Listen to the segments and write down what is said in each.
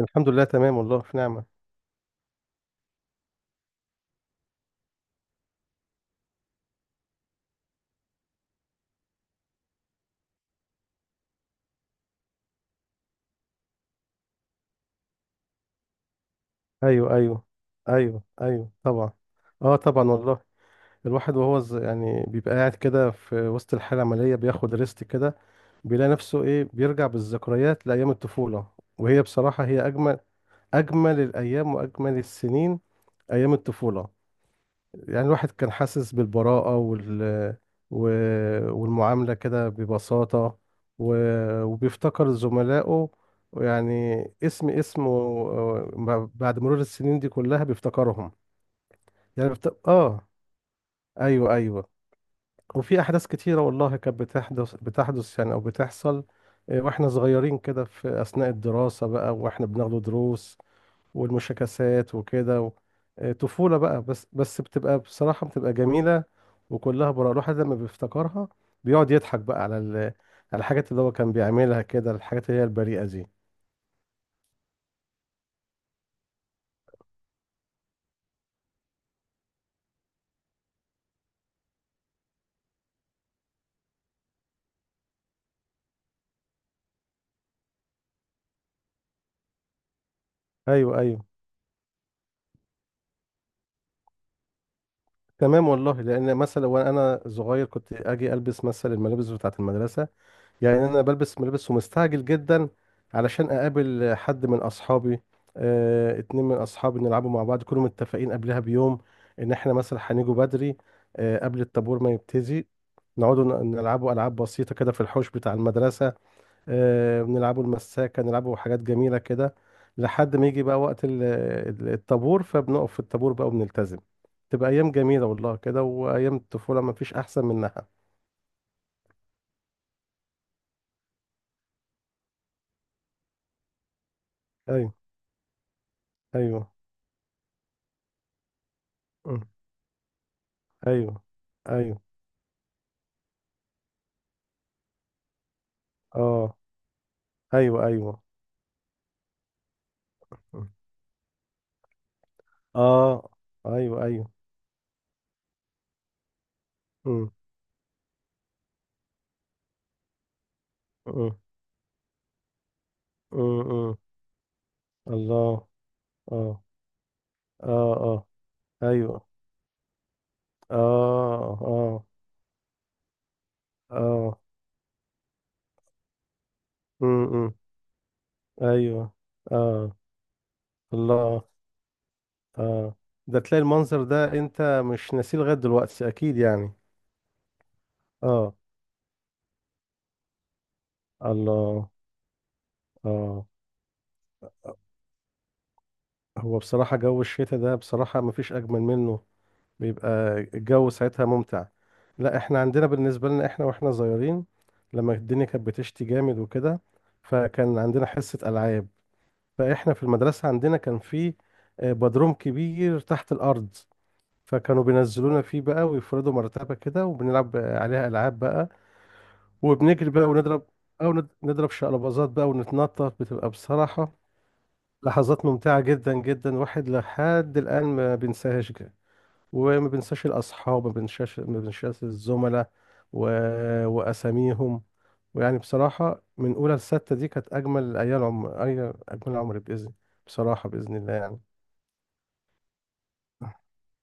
الحمد لله تمام والله في نعمة. ايوه ايوه. ايوه ايوه طبعا. اه طبعا والله. الواحد وهو يعني بيبقى قاعد كده في وسط الحالة العملية بياخد ريست كده. بيلاقي نفسه ايه، بيرجع بالذكريات لأيام الطفولة. وهي بصراحة هي أجمل الأيام وأجمل السنين، أيام الطفولة. يعني الواحد كان حاسس بالبراءة و... والمعاملة كده ببساطة، و... وبيفتكر زملائه. يعني اسمه، بعد مرور السنين دي كلها بيفتكرهم. يعني بفت... اه ايوه ايوه. وفي احداث كتيرة والله كانت بتحدث يعني او بتحصل. واحنا صغيرين كده، في اثناء الدراسة بقى واحنا بناخد دروس والمشاكسات وكده طفولة بقى، بس بتبقى بصراحة بتبقى جميلة. وكلها براءة الواحد لما بيفتكرها، بيقعد يضحك بقى على الحاجات اللي هو كان بيعملها كده، الحاجات اللي هي البريئة دي. ايوه ايوه. تمام والله، لان مثلا وانا صغير كنت اجي البس مثلا الملابس بتاعة المدرسة. يعني انا بلبس ملابس ومستعجل جدا، علشان اقابل حد من اصحابي. اتنين من اصحابي نلعبوا مع بعض، كلهم متفقين قبلها بيوم ان احنا مثلا هنيجوا بدري، قبل الطابور ما يبتدي. نقعدوا نلعبوا العاب بسيطه كده في الحوش بتاع المدرسه. بنلعبوا المساكه، نلعبوا حاجات جميله كده، لحد ما يجي بقى وقت الطابور، فبنقف في الطابور بقى وبنلتزم. تبقى ايام جميله والله كده، وايام الطفوله ما فيش احسن منها. ايوه ايوه. أمم، ايوه ايوه. اه ايوه ايوه. اه ايوه ايوه. امم. امم. إمم. الله. اه اه اه. ايوه. اه اه اه. إمم. ايوه. اه. الله. اه. ده تلاقي المنظر ده انت مش ناسيه لغايه دلوقتي اكيد يعني؟ اه. الله. اه. هو بصراحه جو الشتاء ده بصراحه مفيش اجمل منه. بيبقى الجو ساعتها ممتع. لا احنا عندنا، بالنسبة لنا احنا واحنا صغيرين، لما الدنيا كانت بتشتي جامد وكده، فكان عندنا حصة ألعاب. فاحنا في المدرسة عندنا كان في بدروم كبير تحت الأرض، فكانوا بينزلونا فيه بقى، ويفردوا مرتبة كده وبنلعب عليها ألعاب بقى. وبنجري بقى ونضرب، أو نضرب شقلباظات بقى ونتنطط، بتبقى بصراحة لحظات ممتعة جدا جدا، واحد لحد الآن ما بينساهاش. وما بنساش الأصحاب، ما بنساش، ما بنساش الزملاء و... وأساميهم. ويعني بصراحة من أولى لستة دي كانت أجمل أيام عمر، أي أجمل عمر بإذن، بصراحة بإذن الله يعني.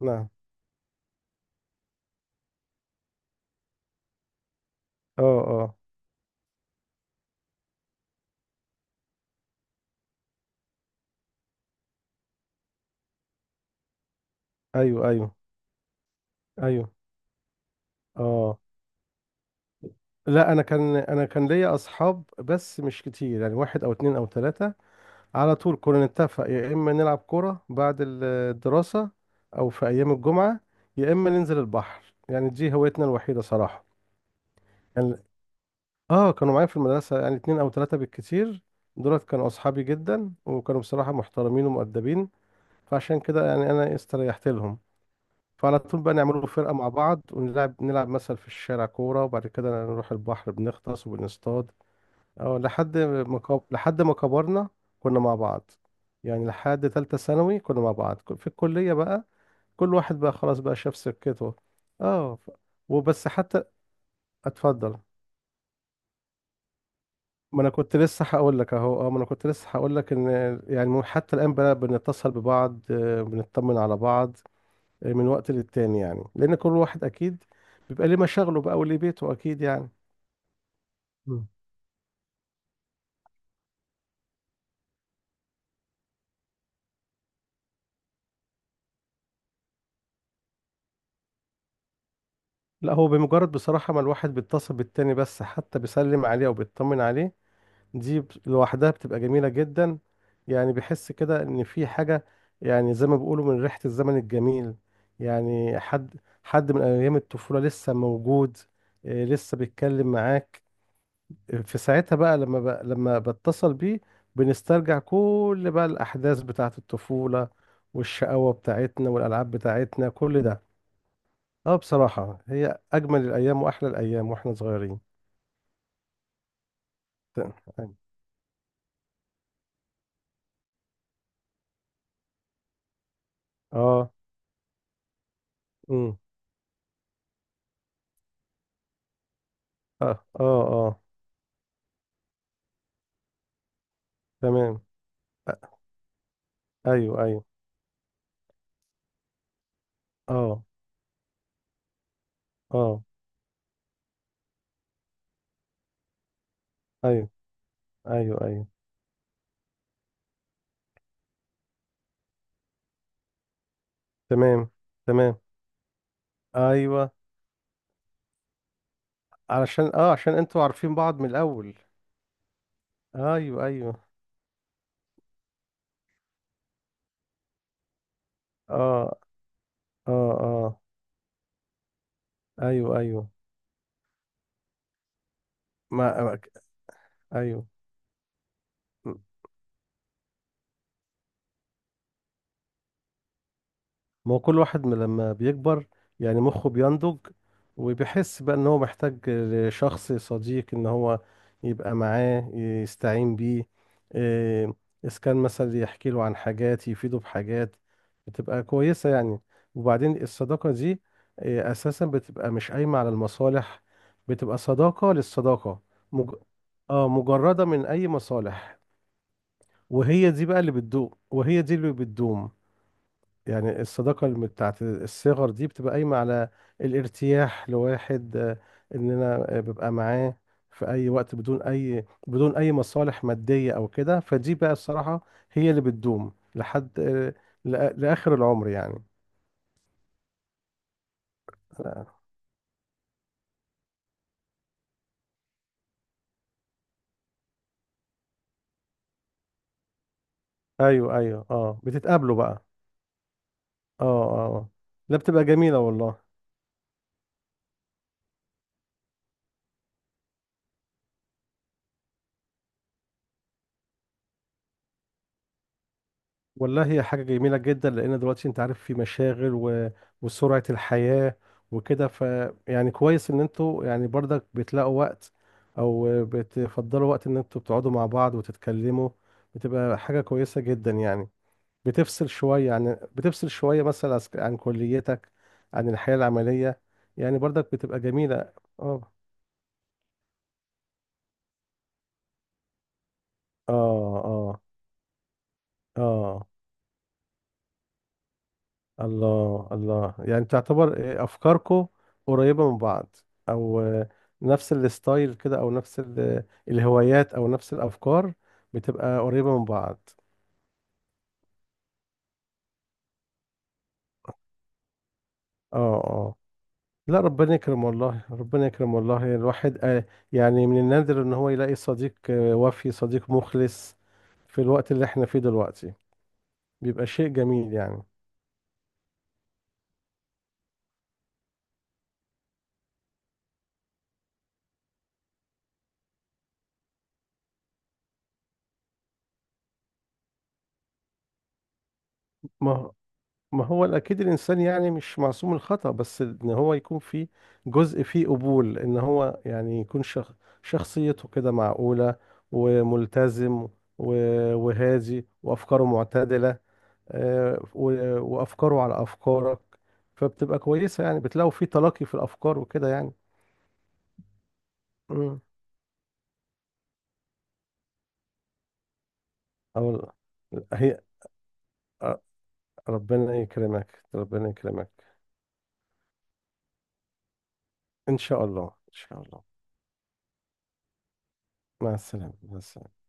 نعم. اه اه. أيوه أيوه أيوه اه. لا أنا كان ليا أصحاب بس مش كتير، يعني واحد أو اتنين أو تلاتة. على طول كنا نتفق، يا إما نلعب كورة بعد الدراسة، أو في أيام الجمعة، يا إما ننزل البحر، يعني دي هوايتنا الوحيدة صراحة. يعني اه كانوا معايا في المدرسة، يعني اتنين او تلاتة بالكتير. دولت كانوا اصحابي جدا، وكانوا بصراحة محترمين ومؤدبين، فعشان كده يعني انا استريحت لهم. فعلى طول بقى نعملوا فرقة مع بعض، ونلعب مثلا في الشارع كورة، وبعد كده نروح البحر بنغطس وبنصطاد. اه لحد ما كبرنا، كنا مع بعض. يعني لحد تالتة ثانوي كنا مع بعض، في الكلية بقى، كل واحد بقى خلاص بقى شاف سكته. اه ف- وبس حتى. اتفضل. ما انا كنت لسه هقول لك اهو اه ما انا كنت لسه هقول لك ان يعني حتى الان بقى بنتصل ببعض، بنطمن على بعض من وقت للتاني، يعني لان كل واحد اكيد بيبقى ليه مشاغله بقى وليه بيته اكيد يعني. مم. لا هو بمجرد بصراحة ما الواحد بيتصل بالتاني بس، حتى بيسلم عليه او بيطمن عليه، دي لوحدها بتبقى جميلة جدا. يعني بحس كده ان في حاجة، يعني زي ما بيقولوا من ريحة الزمن الجميل. يعني حد من ايام الطفولة لسه موجود، لسه بيتكلم معاك في ساعتها بقى، لما بتصل بيه، بنسترجع كل بقى الاحداث بتاعة الطفولة، والشقاوة بتاعتنا والالعاب بتاعتنا كل ده. اه بصراحة هي اجمل الايام واحلى الايام واحنا صغيرين. اه. امم. اه اه اه. تمام. ايوه ايوه. اه اه. ايوه ايوه ايوه. تمام تمام. ايوه. علشان اه عشان انتوا عارفين بعض من الاول. ايوه ايوه. اه اه اه. ايوه ايوه. ما ما- ايوه. ما هو كل واحد من لما بيكبر يعني مخه بينضج، وبيحس بقى ان هو محتاج لشخص صديق، ان هو يبقى معاه يستعين بيه. إيه، اذا كان مثلا يحكي له عن حاجات، يفيده بحاجات بتبقى كويسة يعني. وبعدين الصداقة دي اساسا بتبقى مش قايمة على المصالح، بتبقى صداقة للصداقة. مج... اه مجردة من اي مصالح. وهي دي بقى اللي بتدوم، وهي دي اللي بتدوم. يعني الصداقة بتاعت الصغر دي بتبقى قايمة على الارتياح لواحد، ان انا ببقى معاه في اي وقت، بدون اي مصالح مادية او كده، فدي بقى الصراحة هي اللي بتدوم لحد لاخر العمر يعني. آه، ايوه ايوه، اه بتتقابلوا بقى. اه اه آه. لا بتبقى جميلة والله. والله هي حاجة جميلة جدا، لأن دلوقتي أنت عارف في مشاغل وسرعة الحياة وكده يعني كويس إن أنتوا يعني برضك بتلاقوا وقت، أو بتفضلوا وقت إن أنتوا بتقعدوا مع بعض وتتكلموا، بتبقى حاجة كويسة جدا يعني. بتفصل شوية مثلا عن كليتك، عن الحياة العملية، يعني برضك بتبقى جميلة. اه. اه اه اه. الله الله، يعني تعتبر افكاركو قريبة من بعض، او نفس الستايل كده، او نفس الهوايات او نفس الافكار، بتبقى قريبة من بعض. اه اه. لا ربنا يكرم والله، ربنا يكرم والله، الواحد يعني من النادر ان هو يلاقي صديق، وفي صديق مخلص في الوقت اللي احنا فيه دلوقتي، بيبقى شيء جميل يعني. ما ما هو اكيد الانسان يعني مش معصوم من الخطأ، بس ان هو يكون في جزء فيه قبول، ان هو يعني يكون شخصيته كده معقولة، وملتزم، وهادي، وافكاره معتدلة، وافكاره على افكارك، فبتبقى كويسة، يعني بتلاقوا في تلاقي في الافكار وكده يعني. مم. او. هي. آه، ربنا يكرمك ربنا يكرمك. ان شاء الله ان شاء الله. مع السلامة مع السلامة.